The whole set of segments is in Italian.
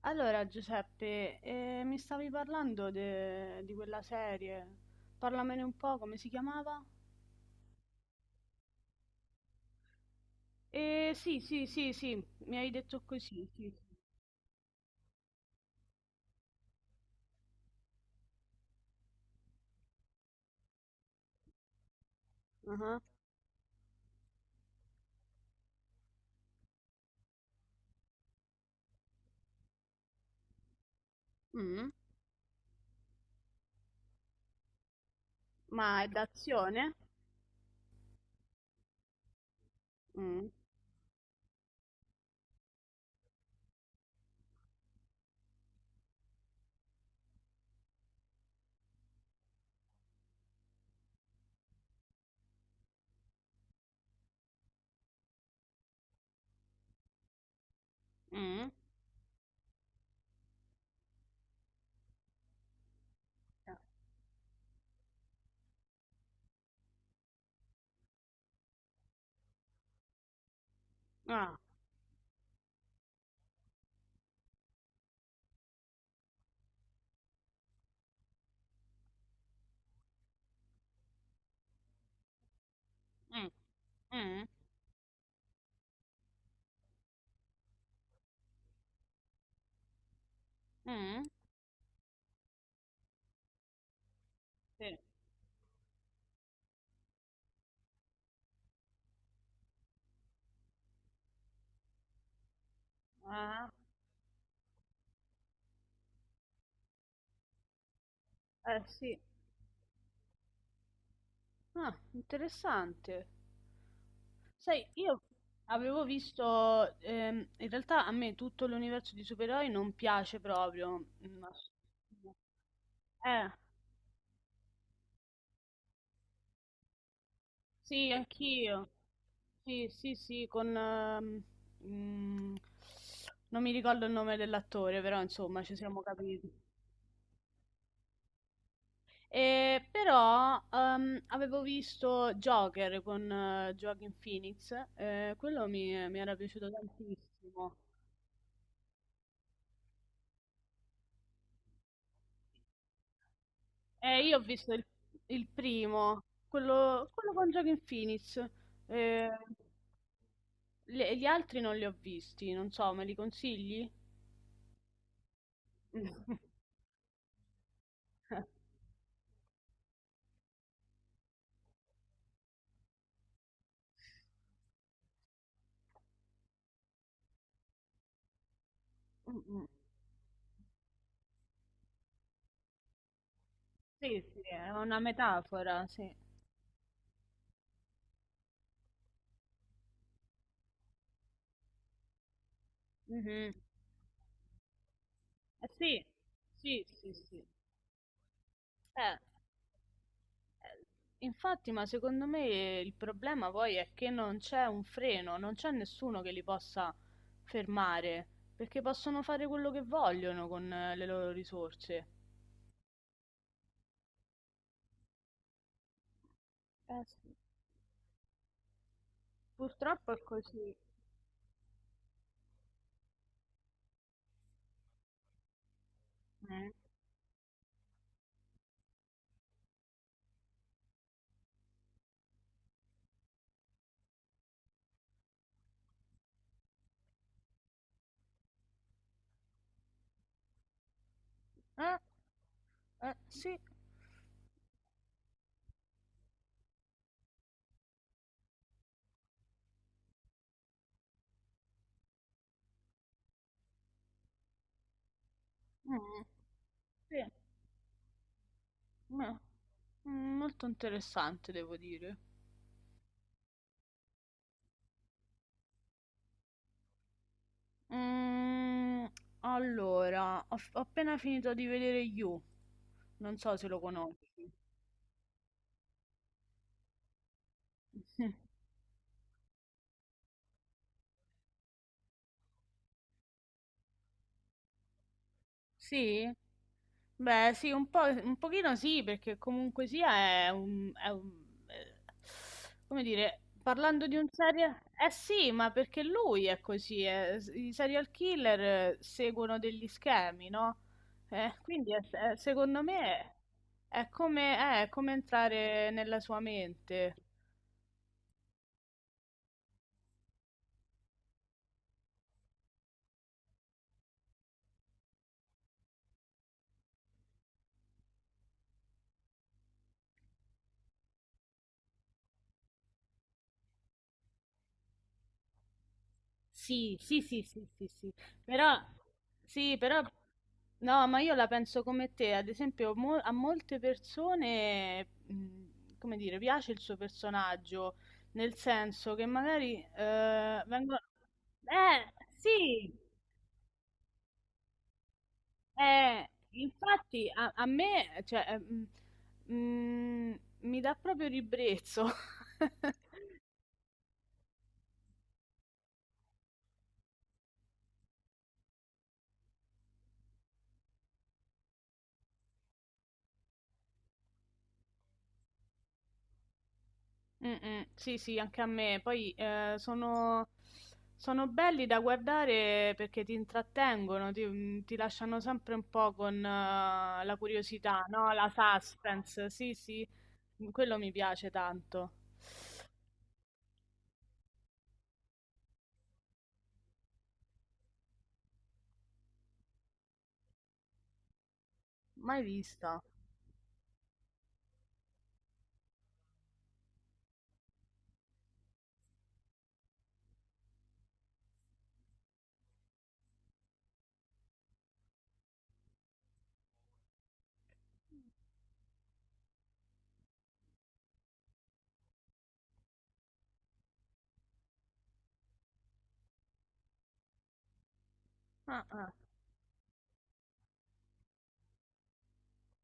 Allora, Giuseppe, mi stavi parlando di quella serie. Parlamene un po', come si chiamava? Sì, sì, sì, sì, mi hai detto così, sì, sì. Ah, mm, ma è d'azione? Mm, mm. Ah, mm, mm, mm, sì. Ah, sì. Ah, interessante. Sai, io avevo visto, in realtà a me tutto l'universo di supereroi non piace proprio. Mm, eh, sì, anch'io. Sì, sì, sì, con, mm, non mi ricordo il nome dell'attore, però insomma ci siamo capiti. E, però avevo visto Joker con Joaquin Phoenix, quello mi era piaciuto tantissimo. Io ho visto il primo, quello con Joaquin Phoenix. Eh, gli altri non li ho visti, non so, me li consigli? Mm, mm. Sì, sì, è una metafora, sì. Mhm. Eh sì, sì, sì, sì. Eh, eh, Infatti, ma secondo me il problema poi è che non c'è un freno, non c'è nessuno che li possa fermare, perché possono fare quello che vogliono con le loro risorse. Eh sì, purtroppo è così. Eh, eh, sì. Mm, sì. Mm, Molto interessante, devo dire. Mhmm, allora, ho appena finito di vedere You. Non so se lo conosci. Sì? Beh, sì, un po' un pochino sì, perché comunque sia è un eh, come dire, parlando di un seria eh sì, ma perché lui è così, i serial killer seguono degli schemi, no, quindi è secondo me è come entrare nella sua mente. Sì, sì, sì, sì, sì, sì. Però, sì, però, no, ma io la penso come te. Ad esempio, a molte persone, come dire, piace il suo personaggio, nel senso che magari vengono. Eh, sì, infatti a me, cioè, mi dà proprio ribrezzo. Mh-mh. Sì, sì, anche a me. Poi, sono belli da guardare perché ti intrattengono, ti lasciano sempre un po' con la curiosità, no, la suspense. Sì, sì, quello mi piace tanto. Mai vista. Ah, ah.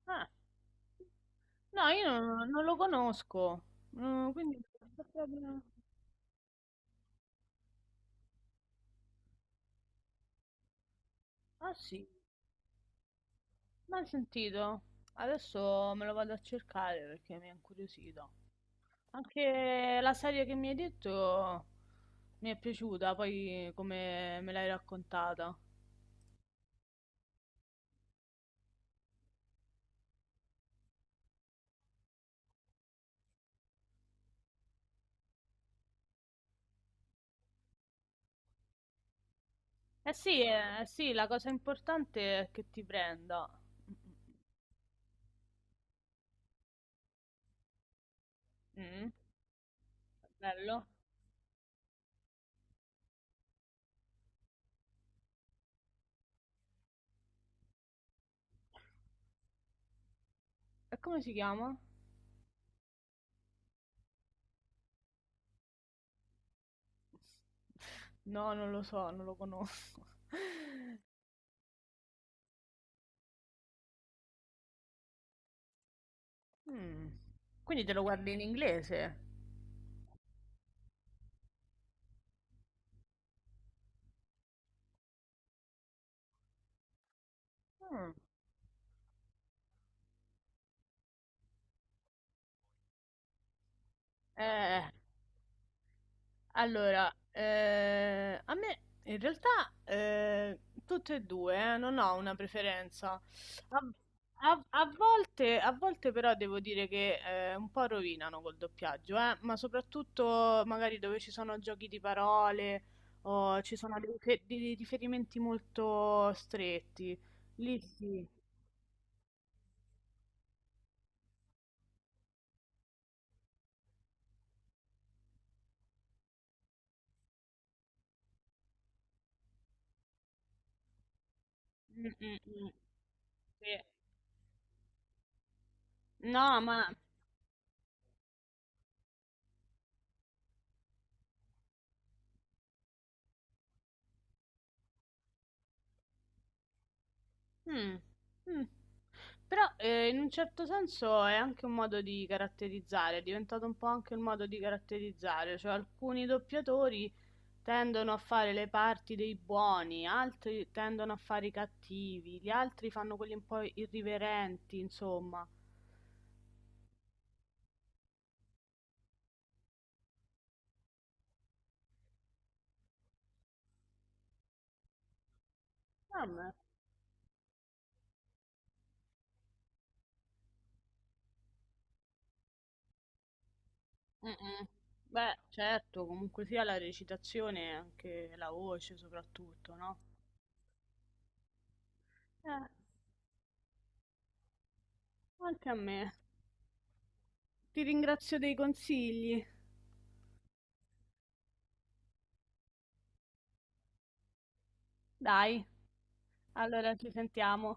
Ah. No, io non lo conosco. Quindi. Ah, sì? Mai sentito. Adesso me lo vado a cercare perché mi ha incuriosito. Anche la serie che mi hai detto mi è piaciuta, poi come me l'hai raccontata. Sì, eh sì, la cosa importante è che ti prenda. Mm, bello. E come si chiama? No, non lo so, non lo conosco. Mm, quindi te lo guardi in inglese? Mm, Eh, Allora, a me in realtà eh, tutte e due, non ho una preferenza. A, a volte, però devo dire che un po' rovinano col doppiaggio, ma soprattutto magari dove ci sono giochi di parole o ci sono dei, dei riferimenti molto stretti. Lì sì. Mm, mm, mm. Sì. No, ma. Mh, mh. Però, in un certo senso è anche un modo di caratterizzare, è diventato un po' anche un modo di caratterizzare, cioè alcuni doppiatori tendono a fare le parti dei buoni, altri tendono a fare i cattivi, gli altri fanno quelli un po' irriverenti, insomma. Vabbè. Mh-mh. Beh, certo, comunque sia la recitazione e anche la voce soprattutto, no? Eh, anche a me. Ti ringrazio dei consigli. Dai. Allora, ci sentiamo.